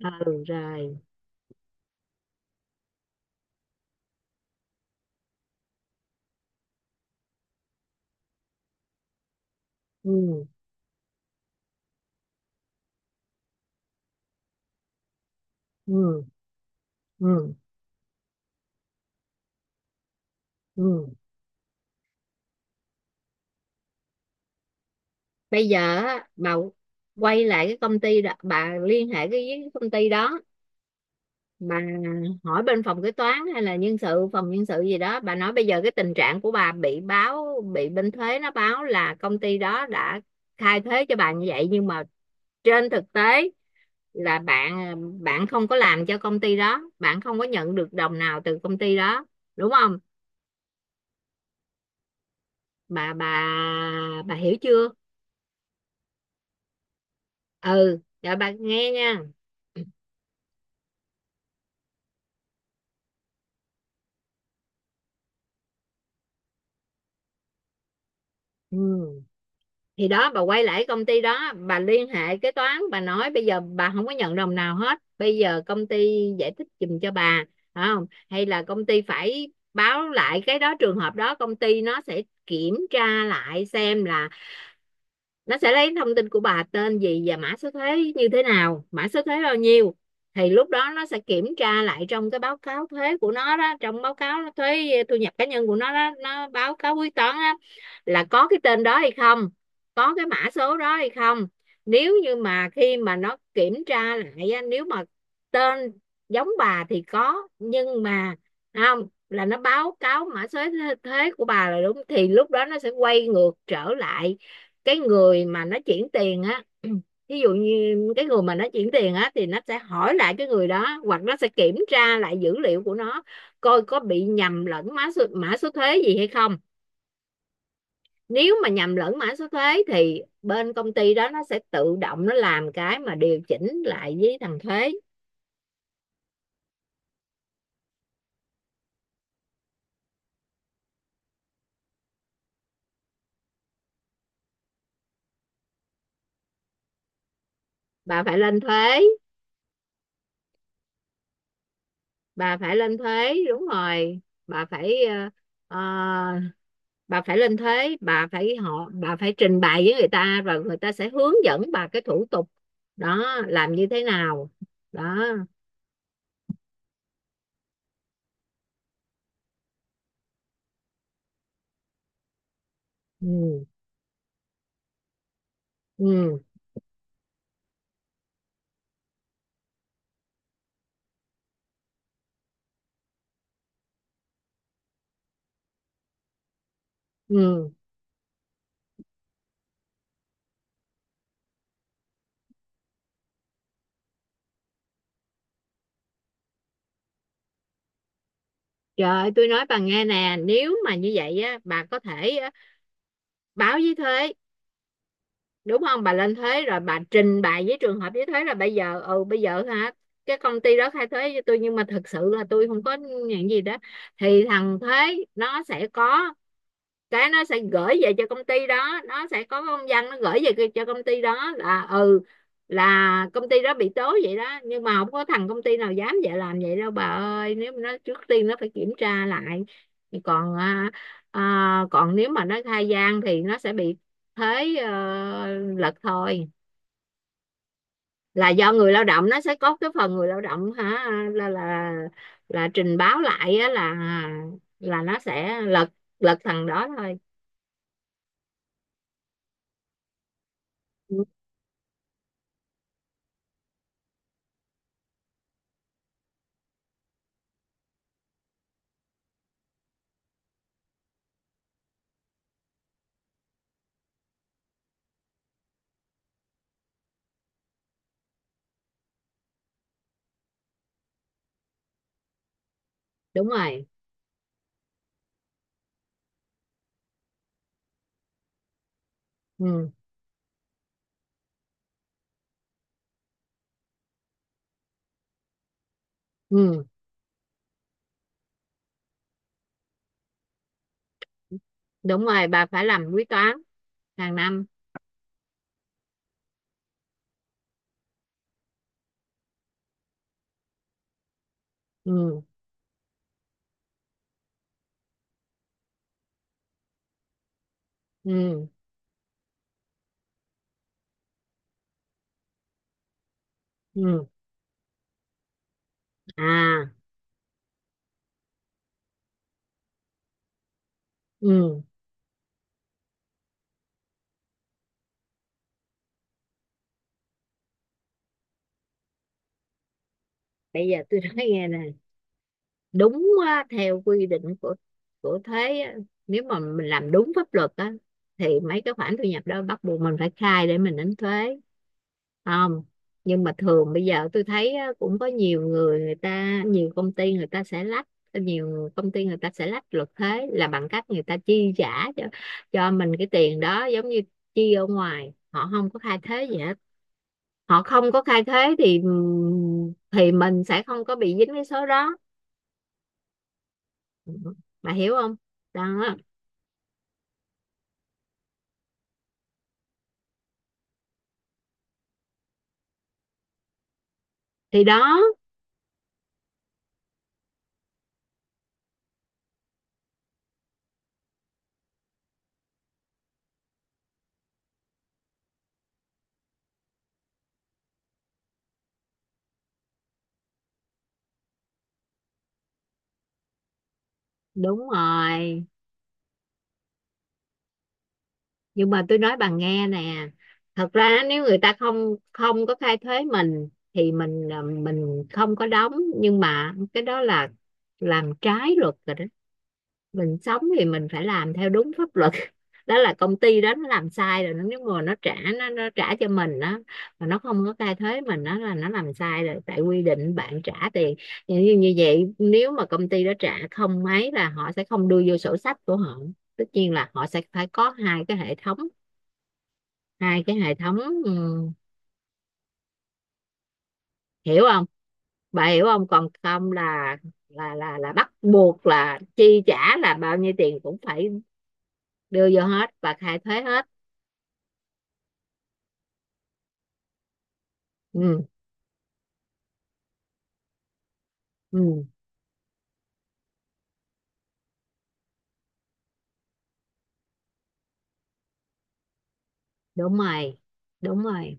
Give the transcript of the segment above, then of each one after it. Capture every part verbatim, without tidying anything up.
Ừ, rồi, ừ, ừ, ừ, ừ. Bây giờ á, bà quay lại cái công ty đó, bà liên hệ cái với công ty đó, bà hỏi bên phòng kế toán hay là nhân sự, phòng nhân sự gì đó, bà nói bây giờ cái tình trạng của bà bị báo, bị bên thuế nó báo là công ty đó đã khai thuế cho bà như vậy, nhưng mà trên thực tế là bạn bạn không có làm cho công ty đó, bạn không có nhận được đồng nào từ công ty đó, đúng không? Bà bà bà hiểu chưa? Ừ, rồi, bà nghe nha. Ừ. Thì đó, bà quay lại công ty đó, bà liên hệ kế toán, bà nói bây giờ bà không có nhận đồng nào hết, bây giờ công ty giải thích giùm cho bà, phải không? Hay là công ty phải báo lại cái đó. Trường hợp đó công ty nó sẽ kiểm tra lại xem là nó sẽ lấy thông tin của bà, tên gì và mã số thuế như thế nào, mã số thuế bao nhiêu. Thì lúc đó nó sẽ kiểm tra lại trong cái báo cáo thuế của nó đó, trong báo cáo thuế thu nhập cá nhân của nó đó, nó báo cáo quyết toán á, là có cái tên đó hay không, có cái mã số đó hay không. Nếu như mà khi mà nó kiểm tra lại á, nếu mà tên giống bà thì có, nhưng mà không, là nó báo cáo mã số thuế của bà là đúng, thì lúc đó nó sẽ quay ngược trở lại cái người mà nó chuyển tiền á. Ví dụ như cái người mà nó chuyển tiền á, thì nó sẽ hỏi lại cái người đó, hoặc nó sẽ kiểm tra lại dữ liệu của nó, coi có bị nhầm lẫn mã số mã số thuế gì hay không. Nếu mà nhầm lẫn mã số thuế thì bên công ty đó nó sẽ tự động nó làm cái mà điều chỉnh lại với thằng thuế. Bà phải lên thuế. Bà phải lên thuế, đúng rồi. Bà phải ờ, ờ, bà phải lên thế, bà phải họ bà phải trình bày với người ta, rồi người ta sẽ hướng dẫn bà cái thủ tục đó làm như thế nào, đó. Ừ, ừ, ừ. Trời ơi, tôi nói bà nghe nè, nếu mà như vậy á, bà có thể á, báo với thuế, đúng không? Bà lên thuế rồi bà trình bày với trường hợp với thuế là bây giờ, ừ, bây giờ, hả, cái công ty đó khai thuế với tôi nhưng mà thật sự là tôi không có nhận gì đó. Thì thằng thuế nó sẽ có cái, nó sẽ gửi về cho công ty đó, nó sẽ có công văn nó gửi về cho công ty đó là, ừ, là công ty đó bị tố vậy đó. Nhưng mà không có thằng công ty nào dám vậy làm vậy đâu bà ơi. Nếu mà nó, trước tiên nó phải kiểm tra lại. Còn à, à, còn nếu mà nó khai gian thì nó sẽ bị thế, ờ, lật thôi. Là do người lao động, nó sẽ có cái phần người lao động hả, là là là trình báo lại á, là là nó sẽ lật lật thằng đó thôi. Ừ, đúng rồi. Ừ, ừ, đúng rồi, bà phải làm quyết toán hàng năm. Ừ, ừ, ừ, à, ừ. Bây giờ tôi nói nghe nè, đúng á, theo quy định của của thuế á, nếu mà mình làm đúng pháp luật á thì mấy cái khoản thu nhập đó bắt buộc mình phải khai để mình đánh thuế, không. Nhưng mà thường bây giờ tôi thấy á, cũng có nhiều người người ta, nhiều công ty người ta sẽ lách, nhiều công ty người ta sẽ lách luật thuế là bằng cách người ta chi trả cho cho mình cái tiền đó, giống như chi ở ngoài, họ không có khai thuế gì hết. Họ không có khai thuế thì thì mình sẽ không có bị dính cái số đó. Bà hiểu không? Đó thì, đó, đúng rồi. Nhưng mà tôi nói bà nghe nè, thật ra nếu người ta không không có khai thuế mình thì mình à, mình không có đóng, nhưng mà cái đó là làm trái luật rồi đó. Mình sống thì mình phải làm theo đúng pháp luật. Đó là công ty đó nó làm sai rồi. Nó- nếu mà nó trả nó, nó trả cho mình đó mà nó không có khai thuế mình, đó là nó làm sai rồi, tại quy định bạn trả tiền. Như, như như vậy, nếu mà công ty đó trả không mấy là họ sẽ không đưa vô sổ sách của họ. Tất nhiên là họ sẽ phải có hai cái hệ thống, hai cái hệ thống. ừm, Hiểu không? Bà hiểu không? Còn không là là là là bắt buộc, là chi trả là bao nhiêu tiền cũng phải đưa vô hết và khai thuế hết. Ừ, ừ, đúng rồi, đúng rồi,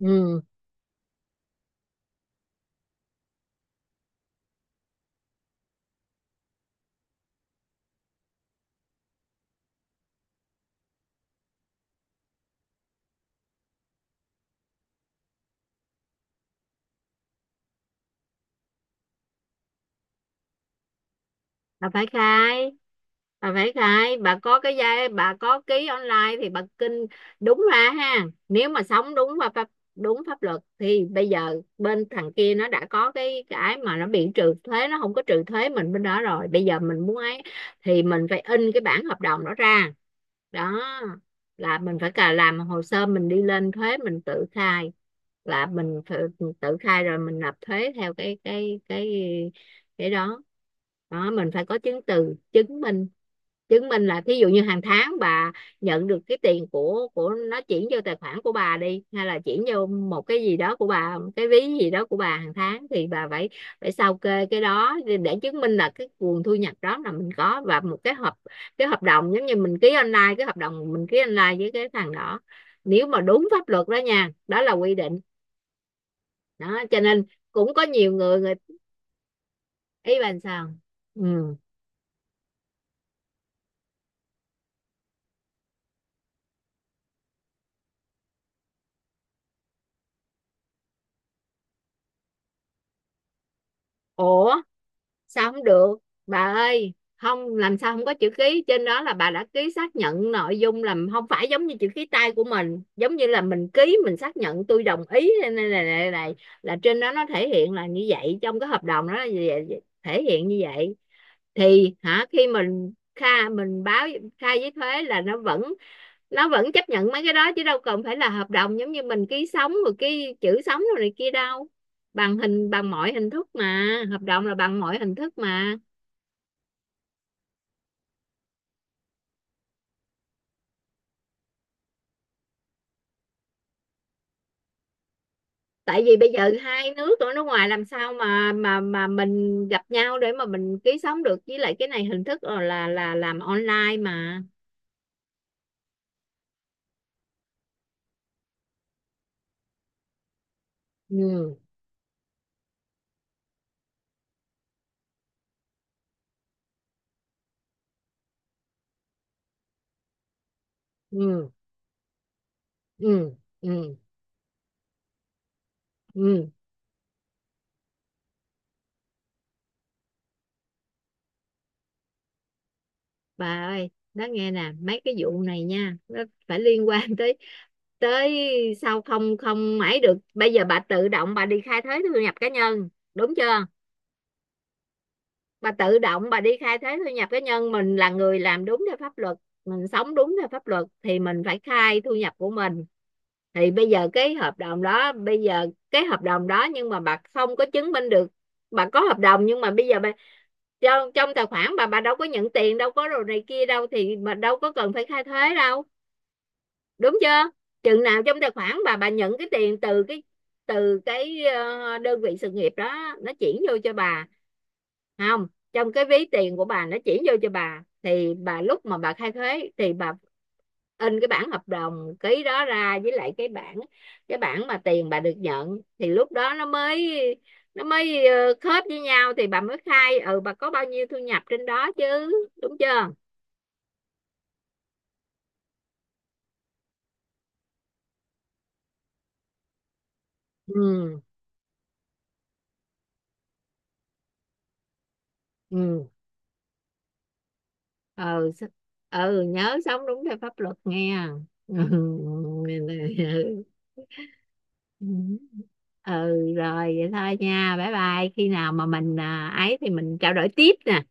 ừ. Bà phải khai, bà phải khai, bà có cái giai, bà có ký online thì bà kinh, đúng ra ha. Nếu mà sống đúng và pháp, đúng pháp luật, thì bây giờ bên thằng kia nó đã có cái cái mà nó bị trừ thuế, nó không có trừ thuế mình bên đó rồi, bây giờ mình muốn ấy thì mình phải in cái bản hợp đồng đó ra. Đó là mình phải cả làm hồ sơ, mình đi lên thuế, mình tự khai, là mình phải tự khai rồi mình nộp thuế theo cái cái cái cái đó, đó. Mình phải có chứng từ chứng minh, chứng minh là thí dụ như hàng tháng bà nhận được cái tiền của của nó chuyển vô tài khoản của bà đi, hay là chuyển vô một cái gì đó của bà, cái ví gì đó của bà, hàng tháng thì bà phải phải sao kê cái đó để để chứng minh là cái nguồn thu nhập đó là mình có, và một cái hợp, cái hợp đồng giống như mình ký online, cái hợp đồng mình ký online với cái thằng đó. Nếu mà đúng pháp luật đó nha, đó là quy định đó cho nên cũng có nhiều người người ý bàn sao. Ừ. Ủa, sao không được? Bà ơi không, làm sao không có chữ ký, trên đó là bà đã ký xác nhận nội dung, là không phải giống như chữ ký tay của mình, giống như là mình ký, mình xác nhận tôi đồng ý này này này, này, này. Là trên đó nó thể hiện là như vậy, trong cái hợp đồng đó là thể hiện như vậy, thì hả, khi mình khai, mình báo khai với thuế là nó vẫn nó vẫn chấp nhận mấy cái đó, chứ đâu cần phải là hợp đồng giống như mình ký sống rồi, cái chữ sống rồi này kia đâu. Bằng hình, bằng mọi hình thức mà, hợp đồng là bằng mọi hình thức mà. Tại vì bây giờ hai nước, ở nước ngoài, làm sao mà mà mà mình gặp nhau để mà mình ký sống được, với lại cái này hình thức là là là làm online mà. Ừ, ừ, ừ, ừ, ừ. Bà ơi đó nghe nè, mấy cái vụ này nha, nó phải liên quan tới tới sao, không không mãi được. Bây giờ bà tự động bà đi khai thuế thu nhập cá nhân, đúng chưa? Bà tự động bà đi khai thuế thu nhập cá nhân, mình là người làm đúng theo pháp luật, mình sống đúng theo pháp luật thì mình phải khai thu nhập của mình. Thì bây giờ cái hợp đồng đó, bây giờ cái hợp đồng đó, nhưng mà bà không có chứng minh được. Bà có hợp đồng nhưng mà bây giờ bà, trong trong tài khoản bà bà đâu có nhận tiền, đâu có đồ này kia đâu thì mà đâu có cần phải khai thuế đâu, đúng chưa? Chừng nào trong tài khoản bà bà nhận cái tiền từ cái, từ cái ờ, đơn vị sự nghiệp đó nó chuyển vô cho bà. Không, trong cái ví tiền của bà nó chuyển vô cho bà thì bà, lúc mà bà khai thuế thì bà in cái bản hợp đồng ký đó ra, với lại cái bản, cái bản mà tiền bà được nhận, thì lúc đó nó mới, nó mới ờ, khớp với nhau, thì bà mới khai ừ bà có bao nhiêu thu nhập trên đó chứ, đúng chưa? Ừ, ừ, ừ, s- ừ, nhớ sống đúng theo pháp luật nghe. Ừ. Ừ. Ừ, rồi vậy thôi nha, bye bye, khi nào mà mình à, ấy thì mình trao đổi tiếp nè.